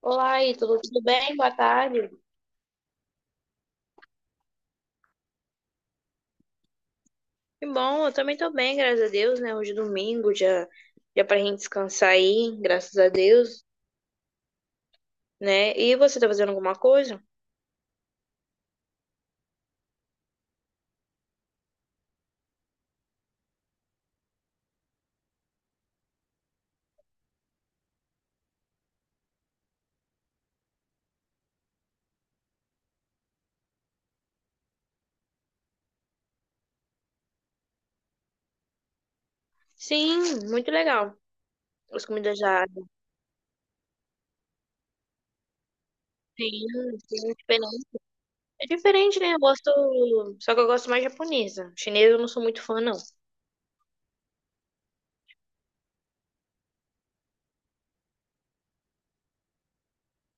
Olá, Ítalo, tudo bem? Boa tarde. Que bom, eu também tô bem, graças a Deus, né? Hoje é domingo, já, já pra gente descansar aí, graças a Deus, né? E você tá fazendo alguma coisa? Sim, muito legal. As comidas já. Sim, sim, diferente. É diferente, né? Eu gosto. Só que eu gosto mais japonesa. Chinesa eu não sou muito fã, não.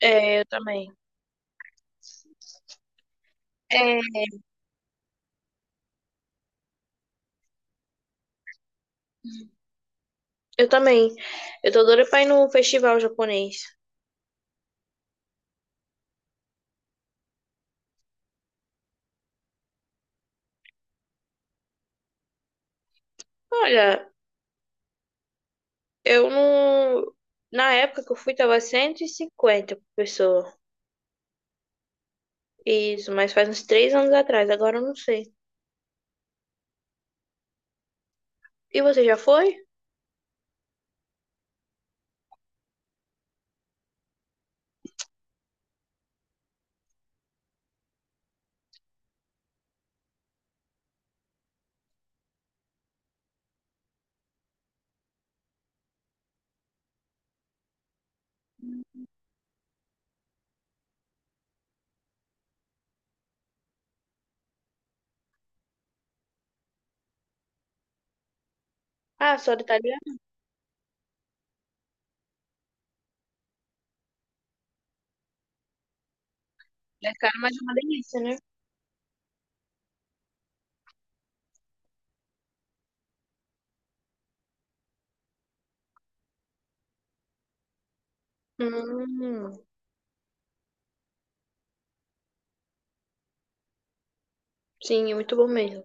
É, eu também. É, eu também. Eu tô doida pra ir no festival japonês. Olha, eu não. Na época que eu fui, tava 150 por pessoa. Isso, mas faz uns 3 anos atrás, agora eu não sei. E você já foi? Ah, só do italiano? É caro, mas é uma delícia, né? Hum, sim, é muito bom mesmo.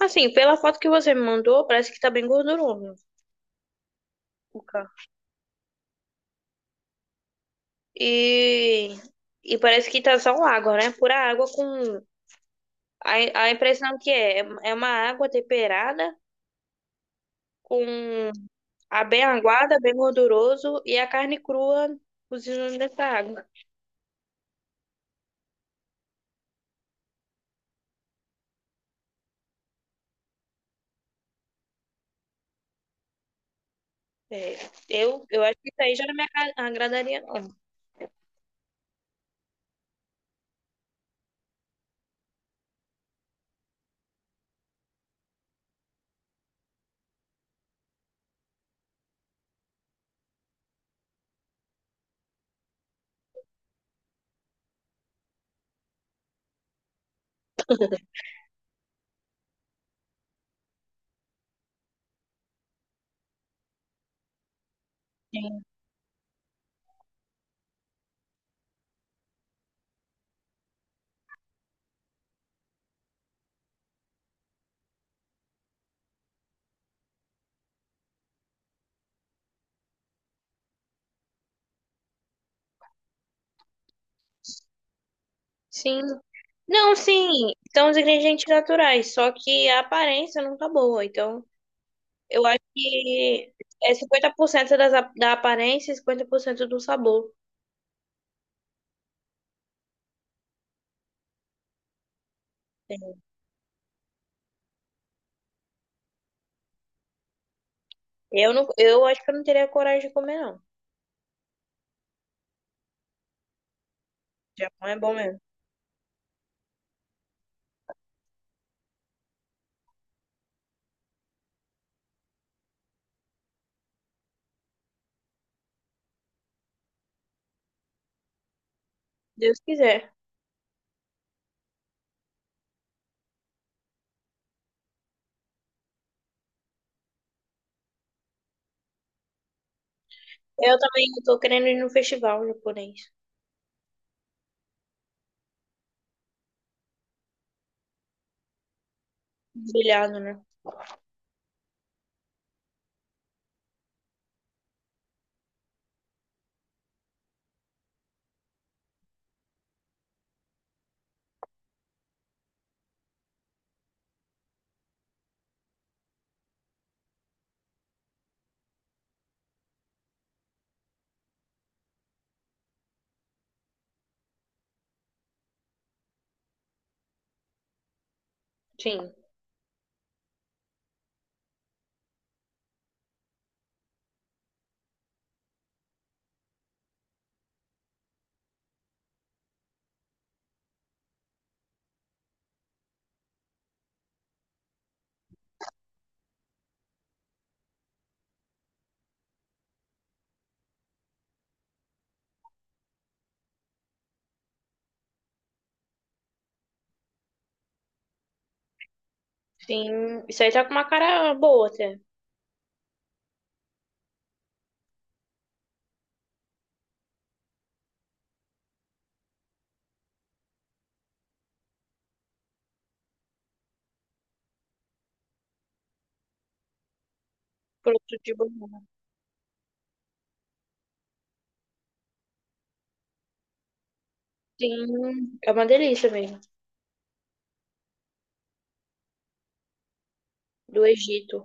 Assim, pela foto que você me mandou, parece que tá bem gorduroso o carro. E, e parece que tá só água, né? Pura água com. A, a impressão que é, é é uma água temperada com a bem aguada, bem gorduroso e a carne crua cozinhando nessa água. É, eu acho que isso aí já não me agradaria, não. Sim. Não, sim, são os ingredientes naturais, só que a aparência não tá boa. Então, eu acho que é 50% das, da aparência e 50% do sabor. É, eu não, eu acho que eu não teria coragem de comer, não. Japão é bom mesmo. Deus quiser. Eu também tô querendo ir no festival japonês. Brilhado, né? Sim, sim. Isso aí tá com uma cara boa até. Produto de banana. Sim, é uma delícia mesmo. Do Egito.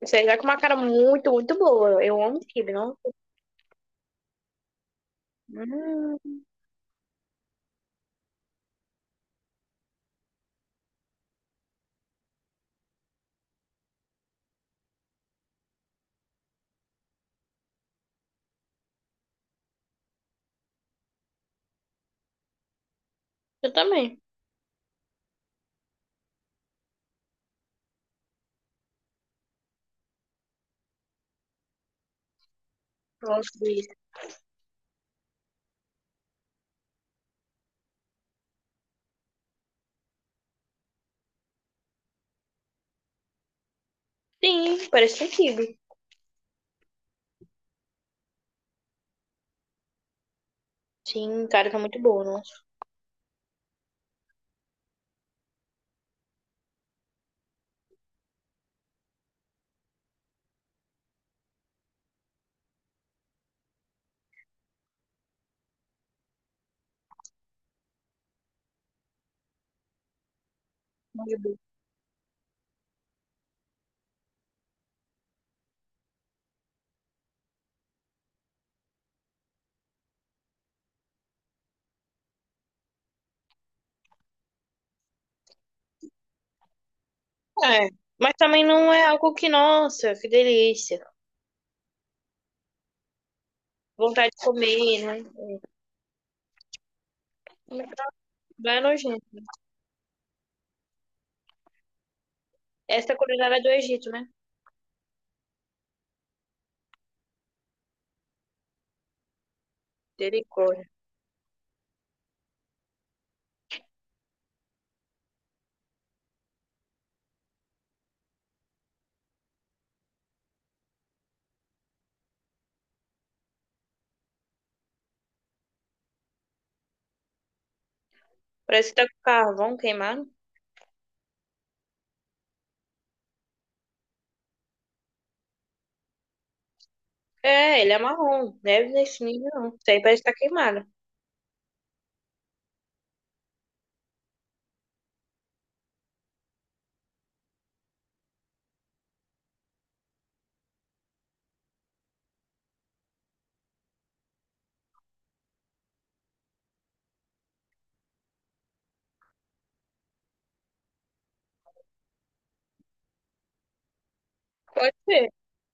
Você já com uma cara muito, muito boa. Eu amo quibe, não? Hum, eu também gosto disso. Sim, parece um quibe. Sim, cara, tá muito boa, nossa. Muito boa. É. Mas também não é algo que, nossa, que delícia. Vontade de comer, né? Vai nojento. Essa é a culinária do Egito, né? Misericórdia. Parece que tá com carvão queimado. É, ele é marrom. Neve nesse nível, não. Isso aí parece que tá queimado. Pode ser.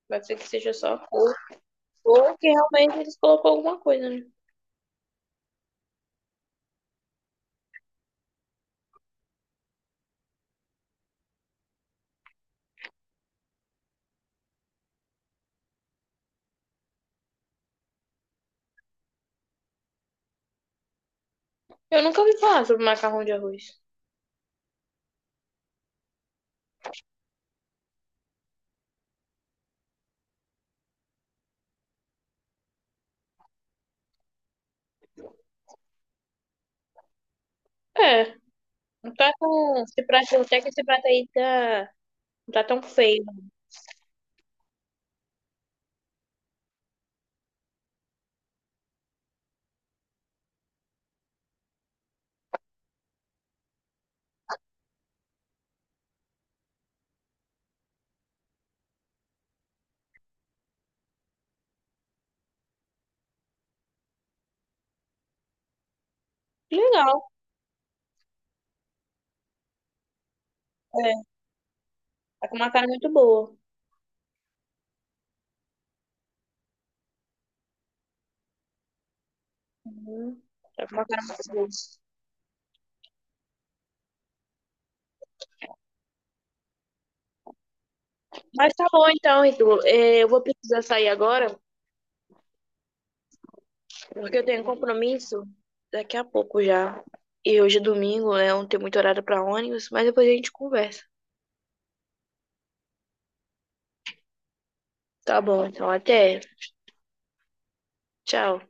Pode ser que seja só a cor. Ou que realmente eles colocou alguma coisa, né? Eu nunca ouvi falar sobre macarrão de arroz. É, não tá tão. Esse prato, até que esse prato aí tá. Não tá tão feio. Que legal. É, tá com uma cara muito boa. Uhum. Tá com uma cara muito boa. Mas tá bom então, Itu. É, eu vou precisar sair agora, porque eu tenho um compromisso daqui a pouco já. E hoje é domingo, né? Não tem muito horário pra ônibus, mas depois a gente conversa. Tá bom, então até. Tchau.